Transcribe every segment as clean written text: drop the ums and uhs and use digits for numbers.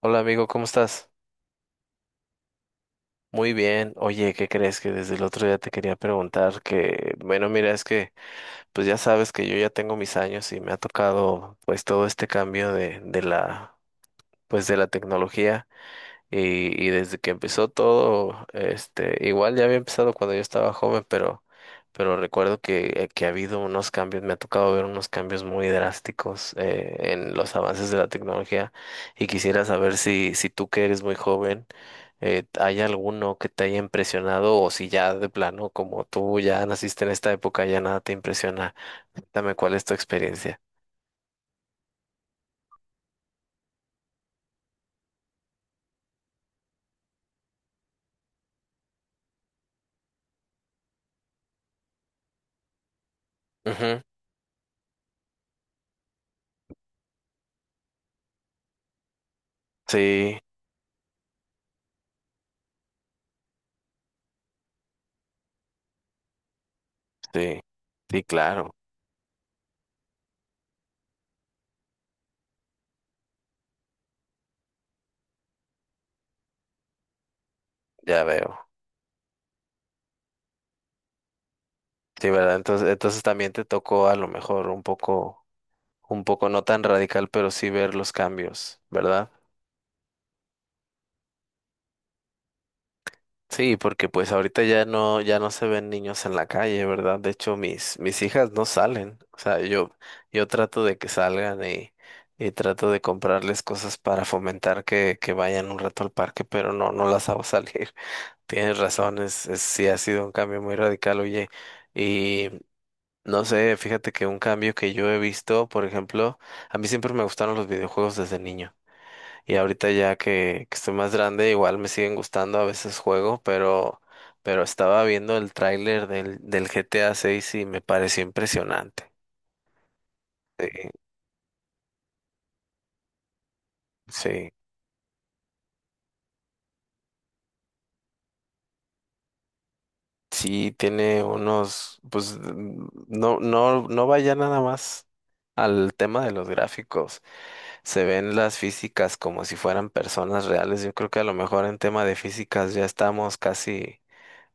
Hola amigo, ¿cómo estás? Muy bien. Oye, ¿qué crees que desde el otro día te quería preguntar? Que, bueno, mira, es que pues ya sabes que yo ya tengo mis años y me ha tocado pues todo este cambio de la, pues, de la tecnología. Y, y desde que empezó todo, igual ya había empezado cuando yo estaba joven, pero recuerdo que ha habido unos cambios, me ha tocado ver unos cambios muy drásticos en los avances de la tecnología y quisiera saber si tú que eres muy joven, ¿hay alguno que te haya impresionado o si ya de plano, como tú ya naciste en esta época, ya nada te impresiona? Cuéntame cuál es tu experiencia. Ujú. Sí, sí, sí, claro, ya veo. Sí, ¿verdad? Entonces, también te tocó a lo mejor un poco no tan radical, pero sí ver los cambios, ¿verdad? Sí, porque pues ahorita ya no, ya no se ven niños en la calle, ¿verdad? De hecho, mis hijas no salen. O sea, yo trato de que salgan y trato de comprarles cosas para fomentar que vayan un rato al parque, pero no, no las hago salir. Tienes razón, sí ha sido un cambio muy radical, oye. No sé, fíjate que un cambio que yo he visto, por ejemplo, a mí siempre me gustaron los videojuegos desde niño. Y ahorita ya que estoy más grande, igual me siguen gustando, a veces juego, pero estaba viendo el tráiler del GTA 6 y me pareció impresionante. Sí, sí, sí tiene unos, pues no, no, no vaya nada más al tema de los gráficos. Se ven las físicas como si fueran personas reales. Yo creo que a lo mejor en tema de físicas ya estamos casi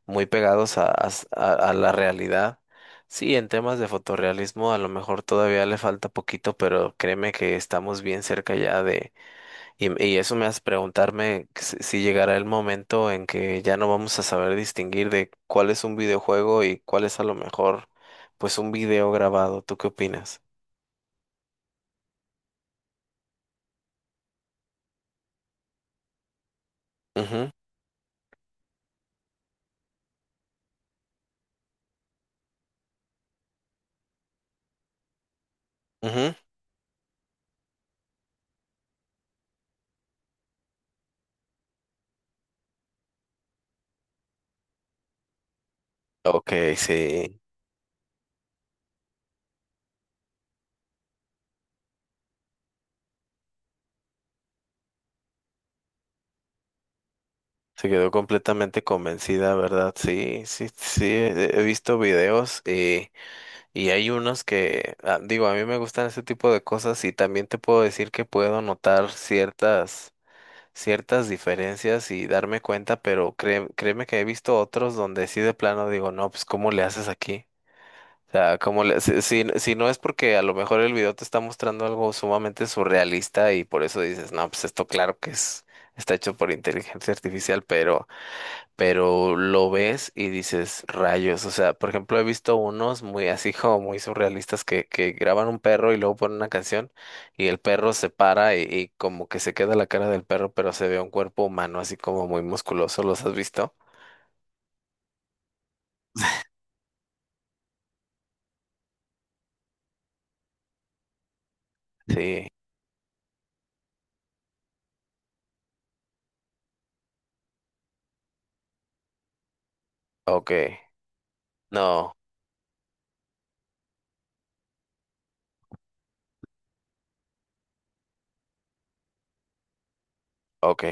muy pegados a la realidad. Sí, en temas de fotorrealismo a lo mejor todavía le falta poquito, pero créeme que estamos bien cerca ya de... Y eso me hace preguntarme que si llegará el momento en que ya no vamos a saber distinguir de cuál es un videojuego y cuál es a lo mejor pues un video grabado. ¿Tú qué opinas? Ujú, ujú. Ok, sí. Se quedó completamente convencida, ¿verdad? Sí, sí, sí, he visto videos y hay unos que, ah, digo, a mí me gustan ese tipo de cosas y también te puedo decir que puedo notar ciertas, ciertas diferencias y darme cuenta, pero créeme que he visto otros donde sí de plano digo, no, pues ¿cómo le haces aquí? O sea, ¿cómo le, si no es porque a lo mejor el video te está mostrando algo sumamente surrealista y por eso dices, no, pues esto claro que es, está hecho por inteligencia artificial, pero lo ves y dices, rayos, o sea, por ejemplo, he visto unos muy así como muy surrealistas que graban un perro y luego ponen una canción y el perro se para y como que se queda la cara del perro, pero se ve un cuerpo humano así como muy musculoso, ¿los has visto? Sí, ok, no, ok,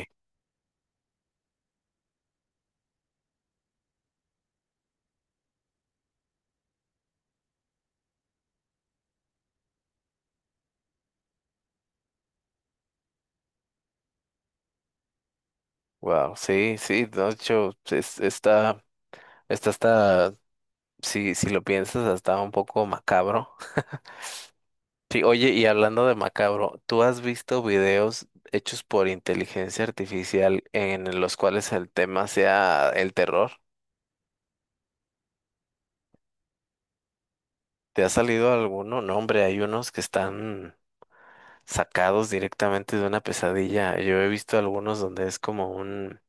wow, sí, sí, de hecho, está hasta, si lo piensas, hasta un poco macabro. Sí, oye, y hablando de macabro, ¿tú has visto videos hechos por inteligencia artificial en los cuales el tema sea el terror? ¿Te ha salido alguno? No, hombre, hay unos que están sacados directamente de una pesadilla. Yo he visto algunos donde es como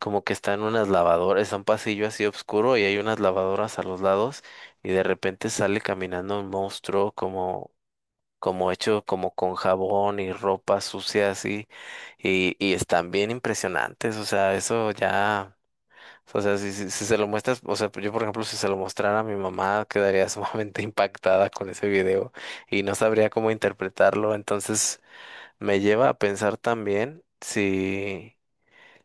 como que están unas lavadoras, es un pasillo así oscuro y hay unas lavadoras a los lados y de repente sale caminando un monstruo como hecho como con jabón y ropa sucia así, y están bien impresionantes, o sea, eso ya, o sea, si se lo muestras, o sea, yo por ejemplo, si se lo mostrara a mi mamá, quedaría sumamente impactada con ese video y no sabría cómo interpretarlo, entonces me lleva a pensar también si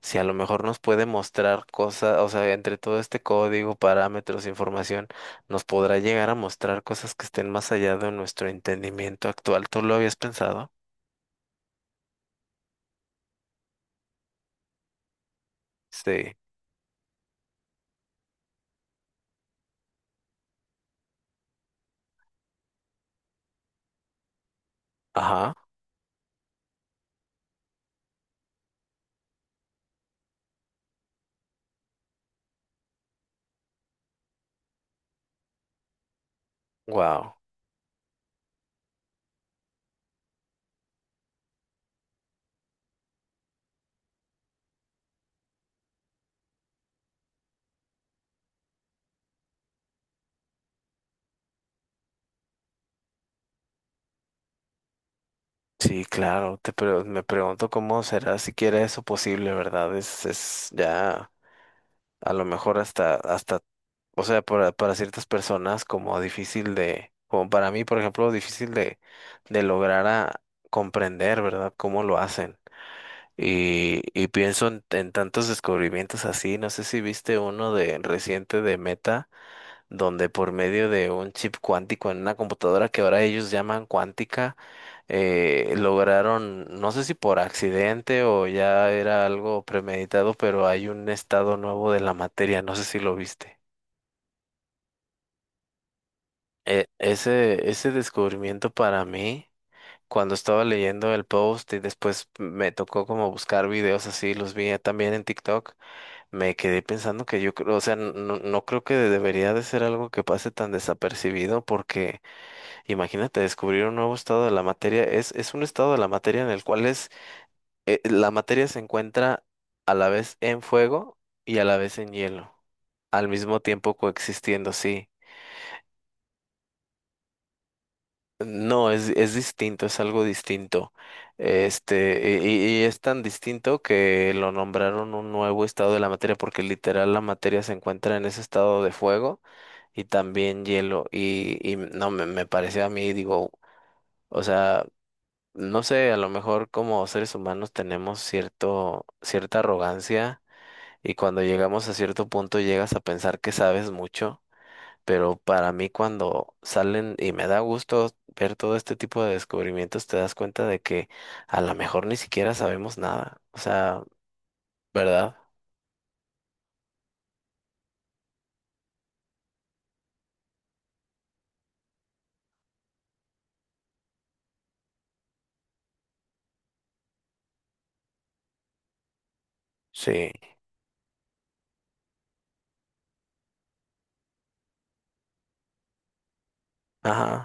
si a lo mejor nos puede mostrar cosas, o sea, entre todo este código, parámetros, información, nos podrá llegar a mostrar cosas que estén más allá de nuestro entendimiento actual. ¿Tú lo habías pensado? Sí. Ajá. Wow. Sí, claro. Me pregunto cómo será siquiera eso posible, ¿verdad? Es ya a lo mejor hasta, o sea, para ciertas personas como difícil de, como para mí, por ejemplo, difícil de lograr a comprender, ¿verdad? Cómo lo hacen. Y pienso en tantos descubrimientos así, no sé si viste uno de reciente de Meta, donde por medio de un chip cuántico en una computadora que ahora ellos llaman cuántica, lograron, no sé si por accidente o ya era algo premeditado, pero hay un estado nuevo de la materia, no sé si lo viste. Ese descubrimiento para mí, cuando estaba leyendo el post y después me tocó como buscar videos así, los vi también en TikTok. Me quedé pensando que yo creo, o sea, no, no creo que debería de ser algo que pase tan desapercibido porque imagínate descubrir un nuevo estado de la materia, es un estado de la materia en el cual la materia se encuentra a la vez en fuego y a la vez en hielo, al mismo tiempo coexistiendo, sí. No, es distinto, es algo distinto. Y es tan distinto que lo nombraron un nuevo estado de la materia, porque literal la materia se encuentra en ese estado de fuego y también hielo. Y no, me pareció a mí, digo, o sea, no sé, a lo mejor como seres humanos tenemos cierto, cierta arrogancia y cuando llegamos a cierto punto llegas a pensar que sabes mucho. Pero para mí cuando salen y me da gusto ver todo este tipo de descubrimientos, te das cuenta de que a lo mejor ni siquiera sabemos nada. O sea, ¿verdad? Sí. Ajá.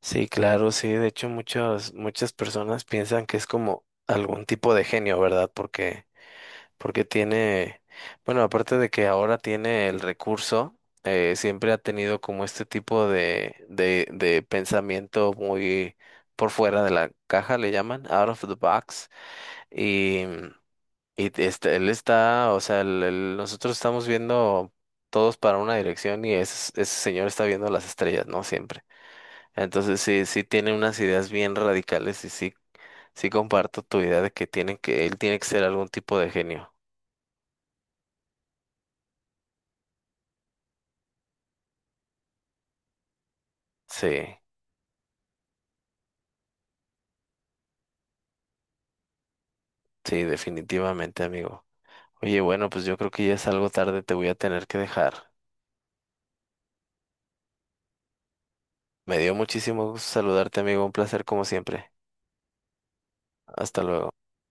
Sí, claro, sí. De hecho, muchas, muchas personas piensan que es como algún tipo de genio, ¿verdad? Porque tiene, bueno, aparte de que ahora tiene el recurso, siempre ha tenido como este tipo de pensamiento muy por fuera de la caja, le llaman, out of the box, y, y este, él está, o sea, nosotros estamos viendo todos para una dirección y ese señor está viendo las estrellas, ¿no? Siempre. Entonces sí, sí tiene unas ideas bien radicales y sí, sí comparto tu idea de que él tiene que ser algún tipo de genio. Sí. Sí, definitivamente, amigo. Oye, bueno, pues yo creo que ya es algo tarde, te voy a tener que dejar. Me dio muchísimo gusto saludarte, amigo. Un placer como siempre. Hasta luego.